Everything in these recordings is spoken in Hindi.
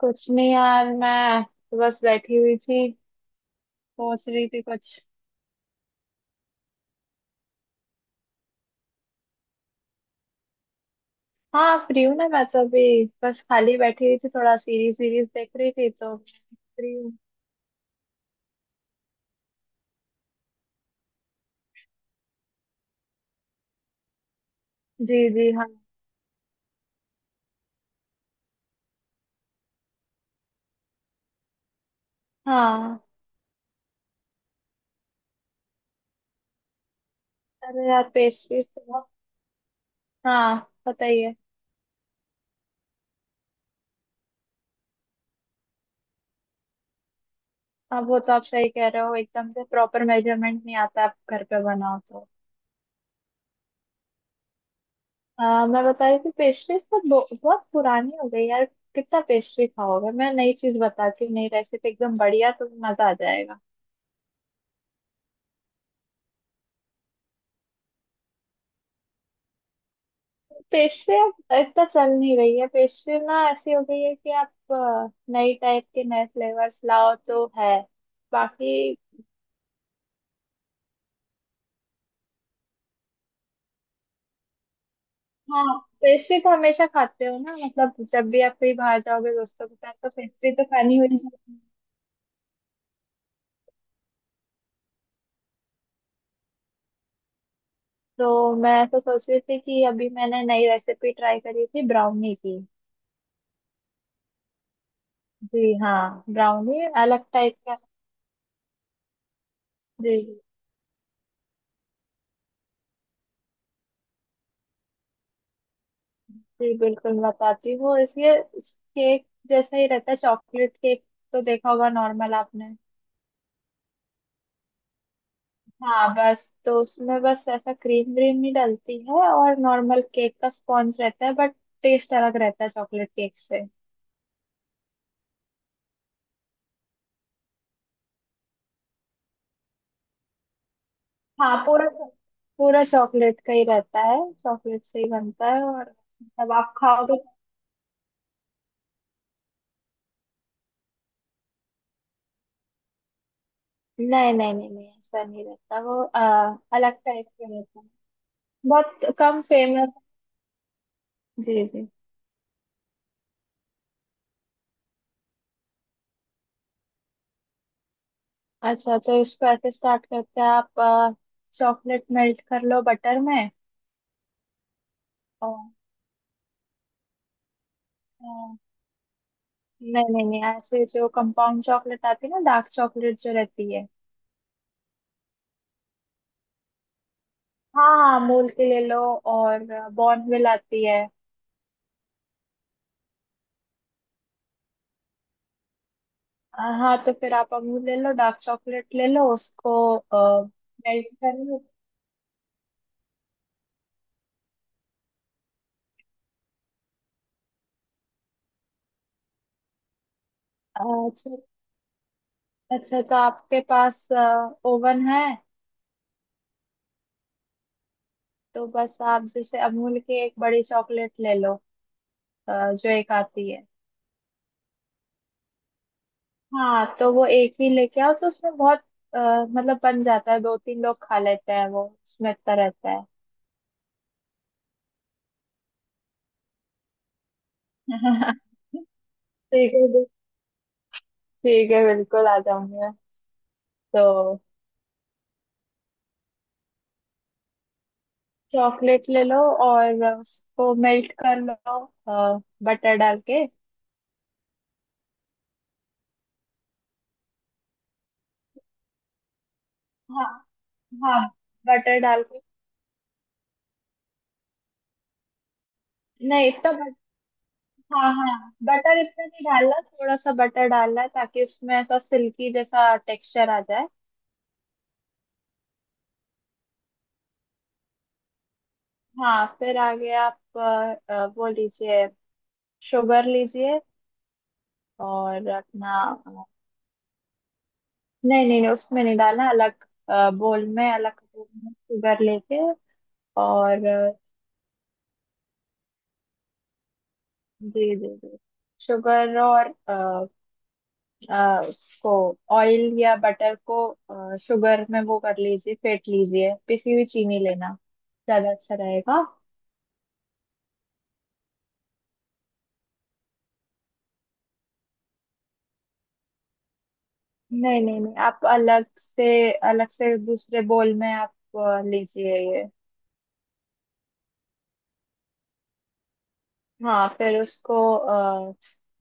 कुछ नहीं यार, मैं तो बस बैठी हुई थी। सोच रही थी कुछ। हाँ, फ्री हूँ ना। मैं तो अभी बस खाली बैठी हुई थी, थोड़ा सीरीज सीरीज देख रही थी तो फ्री हूँ। जी जी हाँ हाँ। अरे यार, पेस्ट्रीज तो बहुत। हाँ, पता ही है। अब वो तो आप सही कह रहे हो, एकदम से प्रॉपर मेजरमेंट नहीं आता आप घर पे बनाओ तो। मैं बता रही थी, पेस्ट्रीज तो बहुत पुरानी हो गई यार। कितना पेस्ट्री खाओगे, मैं नई चीज बताती हूँ, नई रेसिपी एकदम बढ़िया, तो मजा आ जाएगा। पेशवे अब इतना चल नहीं रही है। पेशवे ना ऐसी हो गई है कि आप नई टाइप के नए फ्लेवर्स लाओ तो है बाकी। हाँ, पेस्ट्री तो हमेशा खाते हो ना, मतलब जब भी आप कहीं बाहर जाओगे दोस्तों के साथ तो पेस्ट्री तो खानी हो ही जाती है। तो मैं तो सोच रही थी कि अभी मैंने नई रेसिपी ट्राई करी थी ब्राउनी की। जी हाँ, ब्राउनी अलग टाइप का। जी जी बिल्कुल बताती हूँ। इसलिए केक जैसा ही रहता है, चॉकलेट केक तो देखा होगा नॉर्मल आपने। हाँ, बस तो उसमें बस ऐसा क्रीम व्रीम नहीं डलती है, और नॉर्मल केक का स्पॉन्ज रहता है बट टेस्ट अलग रहता है चॉकलेट केक से। हाँ, पूरा पूरा चॉकलेट का ही रहता है, चॉकलेट से ही बनता है और मतलब आप खाओगे। नहीं नहीं नहीं नहीं, ऐसा नहीं रहता वो। अलग टाइप का रहता है। बहुत कम फेमस। जी जी, अच्छा तो इसको ऐसे स्टार्ट करते हैं आप। चॉकलेट मेल्ट कर लो बटर में। और नहीं नहीं नहीं, ऐसे जो कंपाउंड चॉकलेट आती है ना, डार्क चॉकलेट जो रहती है। हाँ हाँ, अमूल की ले लो। और बॉर्नविल आती है। हाँ, तो फिर आप अमूल ले लो, डार्क चॉकलेट ले लो उसको मेल्ट कर लो। अ, अच्छा अच्छा, तो आपके पास ओवन है। तो बस आप जैसे अमूल की एक बड़ी चॉकलेट ले लो, जो एक आती है। हाँ, तो वो एक ही लेके आओ, तो उसमें बहुत मतलब बन जाता है, दो तीन लोग खा लेते हैं वो, उसमें इतना रहता है। ठीक है ठीक है, बिल्कुल आ जाऊंगी मैं। तो चॉकलेट ले लो और उसको मेल्ट कर लो बटर डाल के। हाँ हाँ, बटर डाल के। नहीं इतना बट हाँ हाँ, बटर इतना नहीं डालना, थोड़ा सा बटर डालना है ताकि उसमें ऐसा सिल्की जैसा टेक्सचर आ जाए। हाँ फिर आगे आप वो लीजिए, शुगर लीजिए और अपना अ, नहीं नहीं नहीं, उसमें नहीं डालना, अलग बोल में, अलग कटोरी में शुगर लेके। और जी जी जी, शुगर और उसको ऑयल या बटर को शुगर में वो कर लीजिए, फेंट लीजिए। पिसी हुई चीनी लेना ज्यादा अच्छा रहेगा। नहीं नहीं नहीं, आप अलग से, अलग से दूसरे बोल में आप लीजिए ये। हाँ फिर उसको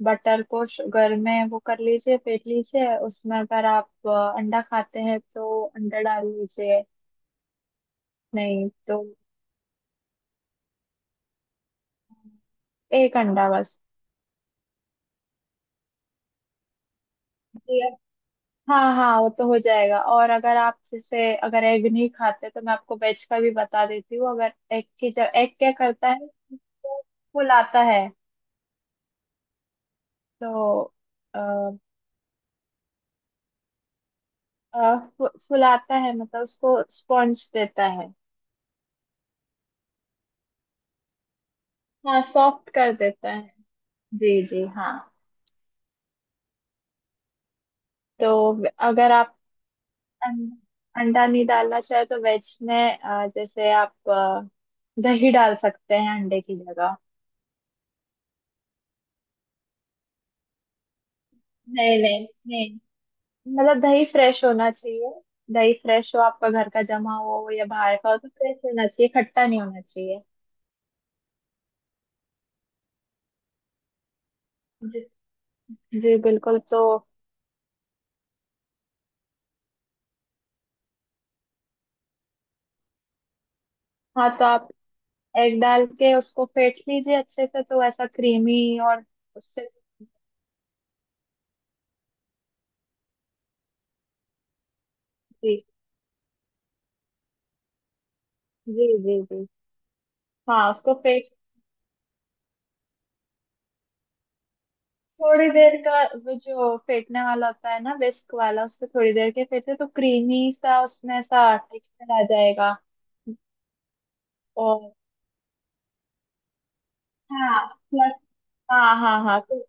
बटर को शुगर में वो कर लीजिए फेंट लीजिए। उसमें अगर आप अंडा खाते हैं तो अंडा डाल लीजिए। नहीं तो एक अंडा बस। हाँ हाँ, वो तो हो जाएगा। और अगर आप जैसे अगर एग नहीं खाते तो मैं आपको वेज का भी बता देती हूँ। अगर एग की जब एग क्या करता है, वो फुलाता है। तो अ, फुलाता है, मतलब उसको स्पॉन्ज देता है। हाँ, सॉफ्ट कर देता है। जी जी हाँ। तो अगर आप अंडा अंडा नहीं डालना चाहे तो वेज में, जैसे आप दही डाल सकते हैं अंडे की जगह। नहीं नहीं नहीं, मतलब दही फ्रेश होना चाहिए। दही फ्रेश हो, आपका घर का जमा हुआ हो या बाहर का हो, तो फ्रेश होना चाहिए, खट्टा नहीं होना चाहिए। जी जी बिल्कुल। तो हाँ, तो आप एग डाल के उसको फेंट लीजिए अच्छे से, तो ऐसा क्रीमी और उससे जी जी जी जी हाँ। उसको फेंट, थोड़ी देर का वो जो फेंटने वाला होता है ना, विस्क वाला, उससे थोड़ी देर के फेंटे, तो क्रीमी सा उसमें ऐसा टेक्सचर आ जाएगा। और हाँ हाँ हाँ हाँ, तो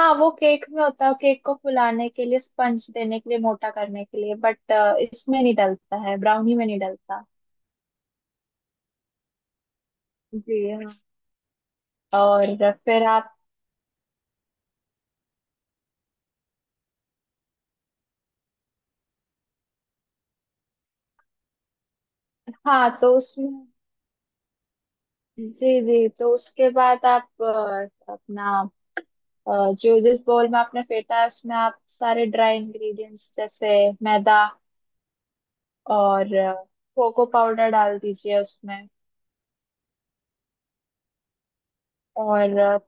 हाँ वो केक में होता है, केक को फुलाने के लिए, स्पंज देने के लिए, मोटा करने के लिए, बट इसमें नहीं डलता है, ब्राउनी में नहीं डलता। जी हाँ, और फिर आप हाँ, तो उसमें जी जी, तो उसके बाद आप अपना जो जिस बोल में आपने फेंटा है उसमें आप सारे ड्राई इंग्रेडिएंट्स जैसे मैदा और कोको पाउडर डाल दीजिए उसमें। और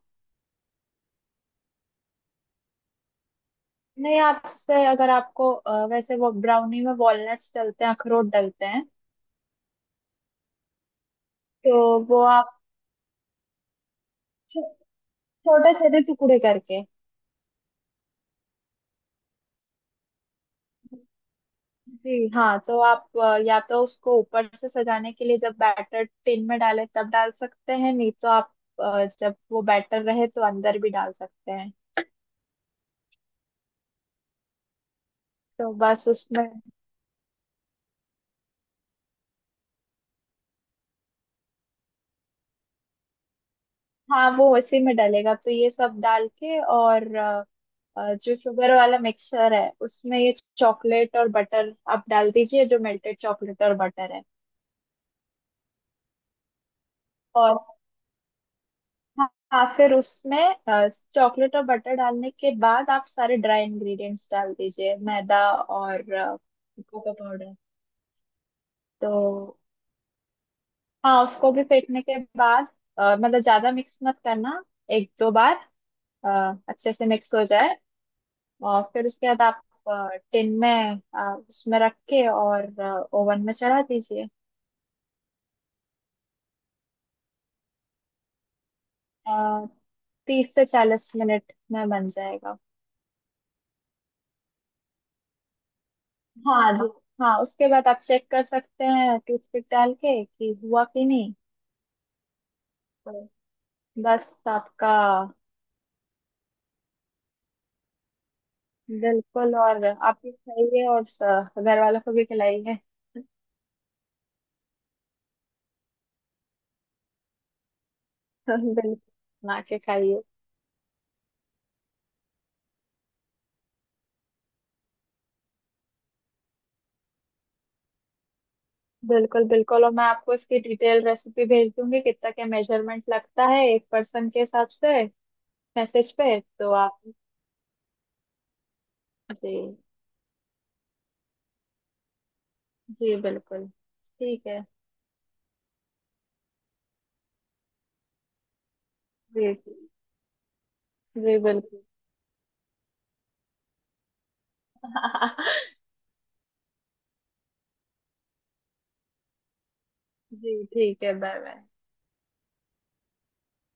नहीं, आपसे अगर आपको वैसे वो ब्राउनी में वॉलनट्स डलते हैं, अखरोट डलते हैं तो वो आप छो- छोटे छोटे टुकड़े करके। जी हाँ, तो आप या तो उसको ऊपर से सजाने के लिए जब बैटर टिन में डाले तब डाल सकते हैं, नहीं तो आप जब वो बैटर रहे तो अंदर भी डाल सकते हैं। तो बस उसमें हाँ, वो उसी में डलेगा। तो ये सब डाल के और जो शुगर वाला मिक्सचर है उसमें ये चॉकलेट और बटर आप डाल दीजिए, जो मेल्टेड चॉकलेट और बटर है। और हाँ हाँ, फिर उसमें चॉकलेट और बटर डालने के बाद आप सारे ड्राई इंग्रेडिएंट्स डाल दीजिए, मैदा और कोको पाउडर। तो हाँ, उसको भी फेंटने के बाद मतलब ज्यादा मिक्स मत करना, एक दो बार अ, अच्छे से मिक्स हो जाए। और फिर उसके बाद आप टिन में उसमें रख के और ओवन में चढ़ा दीजिए। 30 से 40 मिनट में बन जाएगा। हाँ जी हाँ, उसके बाद आप चेक कर सकते हैं टूथपिक डाल के कि हुआ कि नहीं। तो बस आपका बिल्कुल, और आप भी खाइए और घर वालों को भी खिलाइए। बिल्कुल, बना के खाइए। बिल्कुल बिल्कुल, और मैं आपको इसकी डिटेल रेसिपी भेज दूंगी, कितना क्या मेजरमेंट लगता है एक पर्सन के हिसाब से, मैसेज पे तो आप जी जी बिल्कुल। ठीक है जी जी जी, बिल्कुल। जी ठीक है, बाय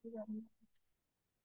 बाय।